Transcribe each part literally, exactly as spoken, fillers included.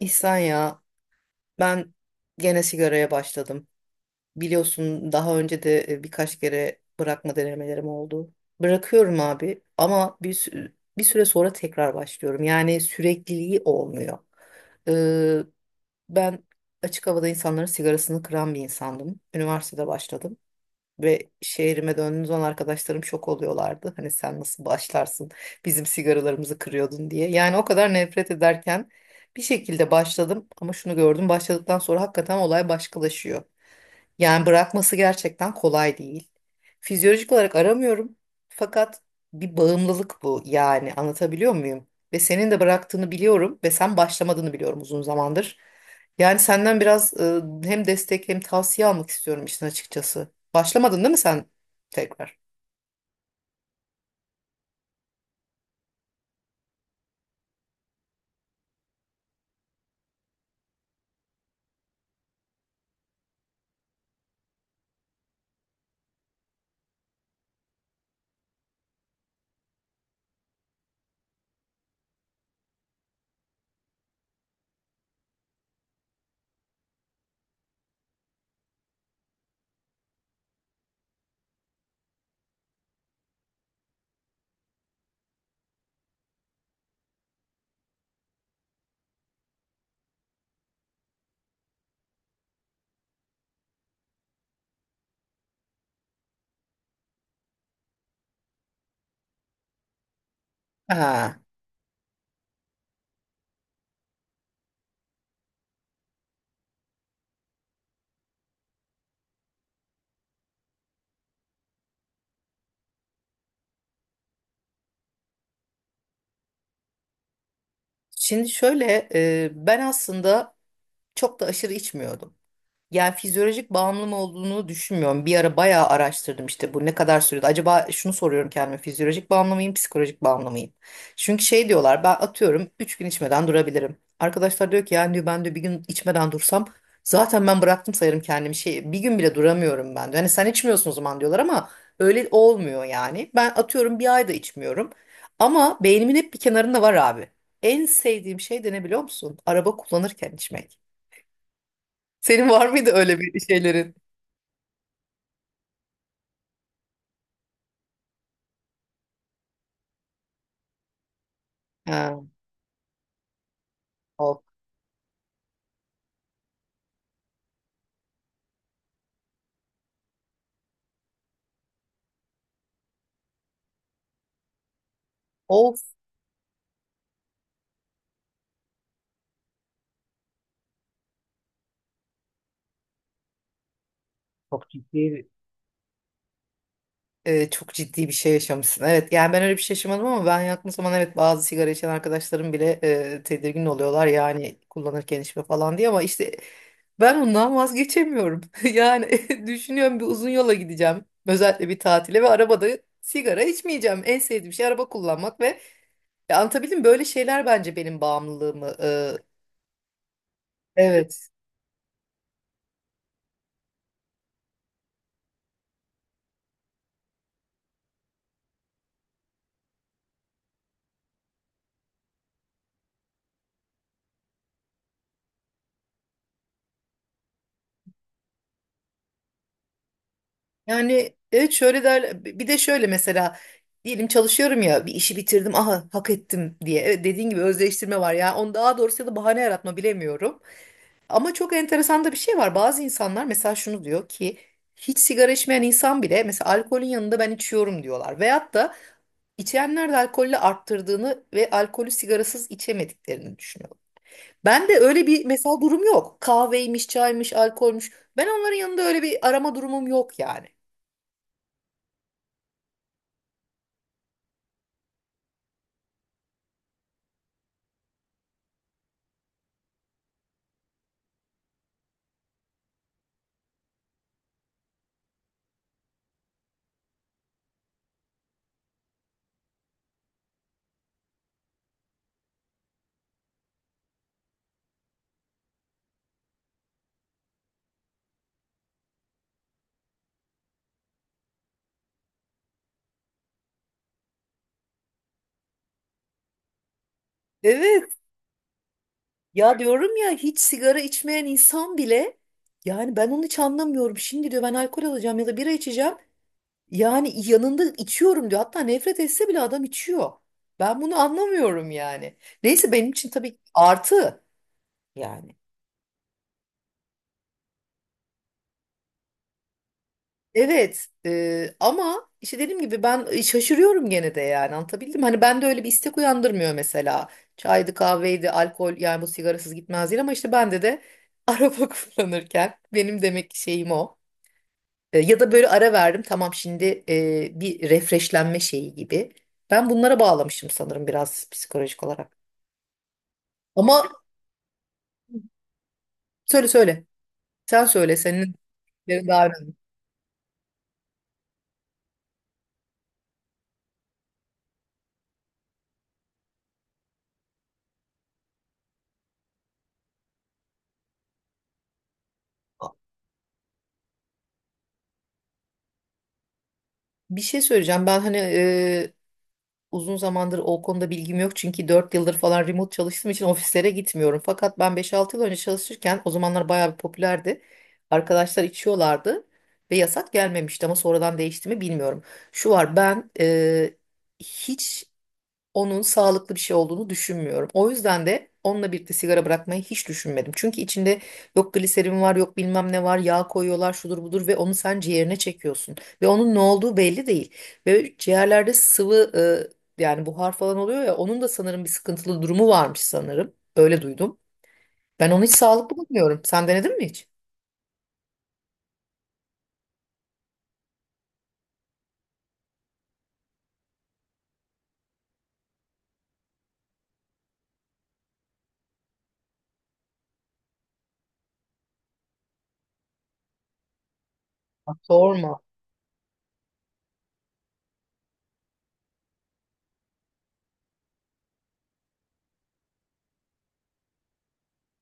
İhsan ya ben gene sigaraya başladım. Biliyorsun daha önce de e, birkaç kere bırakma denemelerim oldu. Bırakıyorum abi ama bir, sü- bir süre sonra tekrar başlıyorum. Yani sürekliliği olmuyor. Ee, Ben açık havada insanların sigarasını kıran bir insandım. Üniversitede başladım. Ve şehrime döndüğüm zaman arkadaşlarım şok oluyorlardı. Hani sen nasıl başlarsın bizim sigaralarımızı kırıyordun diye. Yani o kadar nefret ederken bir şekilde başladım ama şunu gördüm, başladıktan sonra hakikaten olay başkalaşıyor. Yani bırakması gerçekten kolay değil. Fizyolojik olarak aramıyorum. Fakat bir bağımlılık bu, yani anlatabiliyor muyum? Ve senin de bıraktığını biliyorum ve sen başlamadığını biliyorum uzun zamandır. Yani senden biraz e, hem destek hem tavsiye almak istiyorum işin açıkçası. Başlamadın değil mi sen tekrar? Ha. Şimdi şöyle, e, ben aslında çok da aşırı içmiyordum. Yani fizyolojik bağımlı mı olduğunu düşünmüyorum. Bir ara bayağı araştırdım işte bu ne kadar sürede. Acaba şunu soruyorum kendime, fizyolojik bağımlı mıyım, psikolojik bağımlı mıyım? Çünkü şey diyorlar, ben atıyorum üç gün içmeden durabilirim. Arkadaşlar diyor ki, yani diyor ben de bir gün içmeden dursam zaten ben bıraktım sayarım kendimi. Şey, bir gün bile duramıyorum ben, diyor. Hani sen içmiyorsun o zaman diyorlar ama öyle olmuyor yani. Ben atıyorum bir ayda içmiyorum. Ama beynimin hep bir kenarında var abi. En sevdiğim şey de ne biliyor musun? Araba kullanırken içmek. Senin var mıydı öyle bir şeylerin? Ha, of. Of. Çok ciddi, e, çok ciddi bir şey yaşamışsın. Evet, yani ben öyle bir şey yaşamadım ama ben yaktığım zaman evet, bazı sigara içen arkadaşlarım bile e, tedirgin oluyorlar. Yani kullanırken içme falan diye, ama işte ben ondan vazgeçemiyorum. Yani düşünüyorum, bir uzun yola gideceğim. Özellikle bir tatile ve arabada sigara içmeyeceğim. En sevdiğim şey araba kullanmak ve, ya anlatabildim mi? Böyle şeyler bence benim bağımlılığımı e, evet. Yani evet, şöyle derler bir de şöyle, mesela diyelim çalışıyorum ya, bir işi bitirdim, aha hak ettim diye. Evet, dediğin gibi özdeştirme var ya onu, daha doğrusu ya da bahane yaratma, bilemiyorum ama çok enteresan da bir şey var. Bazı insanlar mesela şunu diyor ki hiç sigara içmeyen insan bile mesela alkolün yanında ben içiyorum diyorlar, veyahut da içenler de alkolle arttırdığını ve alkolü sigarasız içemediklerini düşünüyorlar. Ben de öyle bir mesela durum yok, kahveymiş, çaymış, alkolmüş, ben onların yanında öyle bir arama durumum yok yani. Evet. Ya diyorum ya, hiç sigara içmeyen insan bile, yani ben onu hiç anlamıyorum. Şimdi diyor ben alkol alacağım ya da bira içeceğim. Yani yanında içiyorum diyor. Hatta nefret etse bile adam içiyor. Ben bunu anlamıyorum yani. Neyse, benim için tabii artı yani. Evet, e, ama işte dediğim gibi ben e, şaşırıyorum gene de, yani anlatabildim mi? Hani ben de öyle bir istek uyandırmıyor mesela. Çaydı, kahveydi, alkol, yani bu sigarasız gitmez değil ama işte bende de araba kullanırken, benim demek ki şeyim o. E, Ya da böyle ara verdim, tamam şimdi, e, bir refreshlenme şeyi gibi. Ben bunlara bağlamışım sanırım biraz psikolojik olarak. Ama söyle söyle. Sen söyle, senin fikirlerin daha önemli. Bir şey söyleyeceğim. Ben hani e, uzun zamandır o konuda bilgim yok. Çünkü dört yıldır falan remote çalıştığım için ofislere gitmiyorum. Fakat ben beş altı yıl önce çalışırken o zamanlar bayağı bir popülerdi. Arkadaşlar içiyorlardı ve yasak gelmemişti ama sonradan değişti mi bilmiyorum. Şu var, ben e, hiç onun sağlıklı bir şey olduğunu düşünmüyorum. O yüzden de onunla birlikte sigara bırakmayı hiç düşünmedim. Çünkü içinde yok gliserin var, yok bilmem ne var, yağ koyuyorlar, şudur budur, ve onu sen ciğerine çekiyorsun. Ve onun ne olduğu belli değil. Ve ciğerlerde sıvı, e, yani buhar falan oluyor ya, onun da sanırım bir sıkıntılı durumu varmış sanırım. Öyle duydum. Ben onu hiç sağlıklı bulmuyorum. Sen denedin mi hiç? Sorma.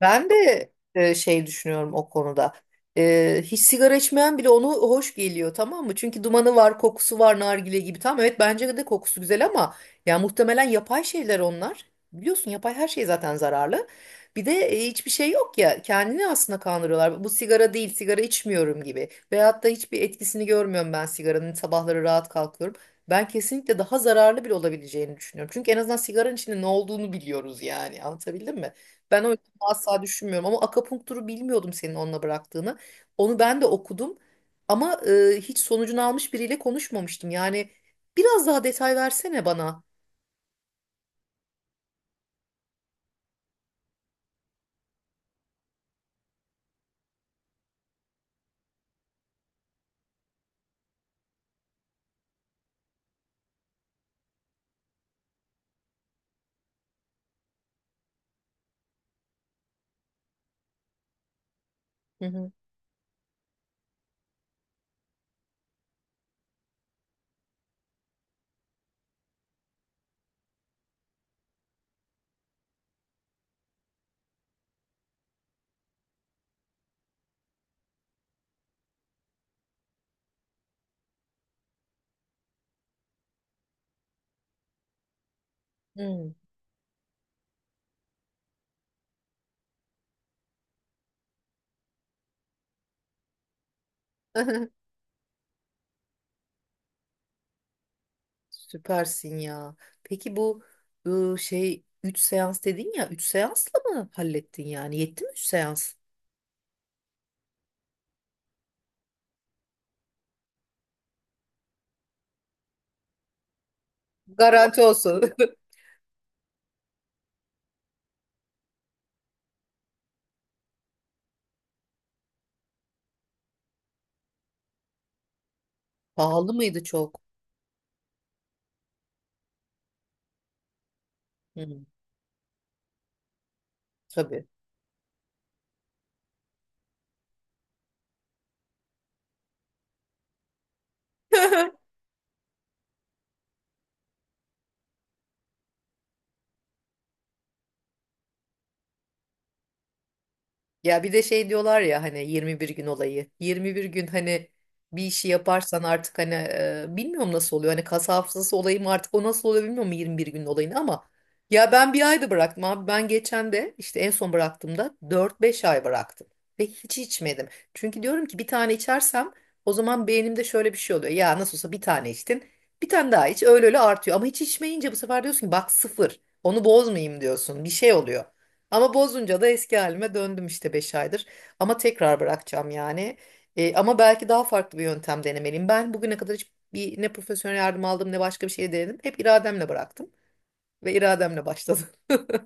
Ben de e, şey düşünüyorum o konuda. E, hiç sigara içmeyen bile onu hoş geliyor, tamam mı? Çünkü dumanı var, kokusu var, nargile gibi. Tamam, evet bence de kokusu güzel ama ya muhtemelen yapay şeyler onlar. Biliyorsun yapay her şey zaten zararlı. Bir de e, hiçbir şey yok ya, kendini aslında kandırıyorlar. Bu sigara değil, sigara içmiyorum gibi. Veyahut da hiçbir etkisini görmüyorum ben sigaranın, sabahları rahat kalkıyorum. Ben kesinlikle daha zararlı bile olabileceğini düşünüyorum. Çünkü en azından sigaranın içinde ne olduğunu biliyoruz yani. Anlatabildim mi? Ben o asla düşünmüyorum ama akupunkturu bilmiyordum, senin onunla bıraktığını. Onu ben de okudum ama e, hiç sonucunu almış biriyle konuşmamıştım. Yani biraz daha detay versene bana. Hı hı. Hı. Süpersin ya. Peki bu, e, şey üç seans dedin ya, üç seansla mı hallettin yani? Yetti mi üç seans? Garanti olsun. Pahalı mıydı çok? Hı, tabii. Ya bir de şey diyorlar ya, hani yirmi bir gün olayı. yirmi bir gün hani bir işi yaparsan artık, hani e, bilmiyorum nasıl oluyor. Hani kas hafızası olayı mı artık, o nasıl oluyor bilmiyorum yirmi bir gün olayını, ama ya ben bir ayda bıraktım abi. Ben geçen de işte en son bıraktığımda dört beş ay bıraktım ve hiç içmedim. Çünkü diyorum ki bir tane içersem o zaman beynimde şöyle bir şey oluyor. Ya nasıl olsa bir tane içtin, bir tane daha iç, öyle öyle artıyor. Ama hiç içmeyince bu sefer diyorsun ki bak sıfır, onu bozmayayım diyorsun. Bir şey oluyor. Ama bozunca da eski halime döndüm işte, beş aydır. Ama tekrar bırakacağım yani. E, ama belki daha farklı bir yöntem denemeliyim. Ben bugüne kadar hiç bir, ne profesyonel yardım aldım ne başka bir şey denedim. Hep irademle bıraktım ve irademle başladım.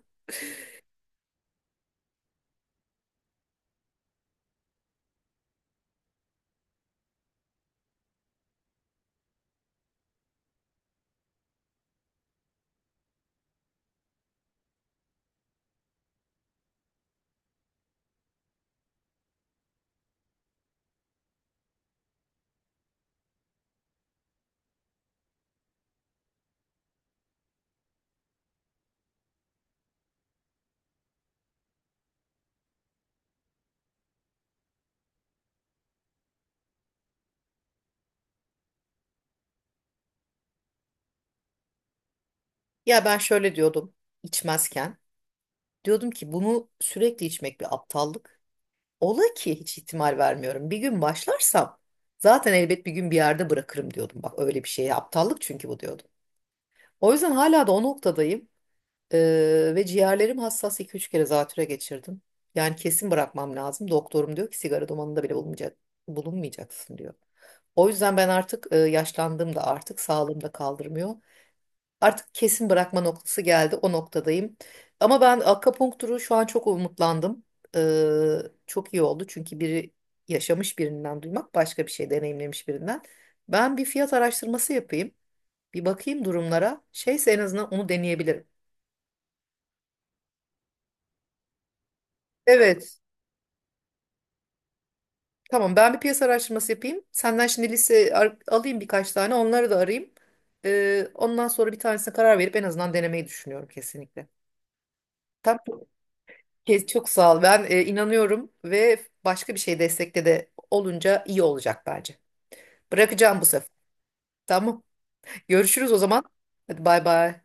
Ya ben şöyle diyordum içmezken. Diyordum ki bunu sürekli içmek bir aptallık. Ola ki, hiç ihtimal vermiyorum, bir gün başlarsam zaten elbet bir gün bir yerde bırakırım diyordum. Bak öyle bir şeye aptallık çünkü bu, diyordum. O yüzden hala da o noktadayım. Ee, ve ciğerlerim hassas, iki üç kere zatüre geçirdim. Yani kesin bırakmam lazım. Doktorum diyor ki sigara dumanında bile bulunmayacak, bulunmayacaksın diyor. O yüzden ben artık, e, yaşlandığımda artık sağlığım da kaldırmıyor. Artık kesin bırakma noktası geldi. O noktadayım. Ama ben akupunkturu şu an çok umutlandım. Ee, çok iyi oldu. Çünkü biri yaşamış birinden duymak başka, bir şey deneyimlemiş birinden. Ben bir fiyat araştırması yapayım. Bir bakayım durumlara. Şeyse en azından onu deneyebilirim. Evet. Tamam, ben bir piyasa araştırması yapayım. Senden şimdi liste ar- alayım, birkaç tane, onları da arayayım. Ee, ondan sonra bir tanesine karar verip en azından denemeyi düşünüyorum kesinlikle. Tamam, çok, çok sağ ol. Ben e, inanıyorum, ve başka bir şey destekte de olunca iyi olacak bence. Bırakacağım bu sefer. Tamam. Görüşürüz o zaman. Hadi bay bay.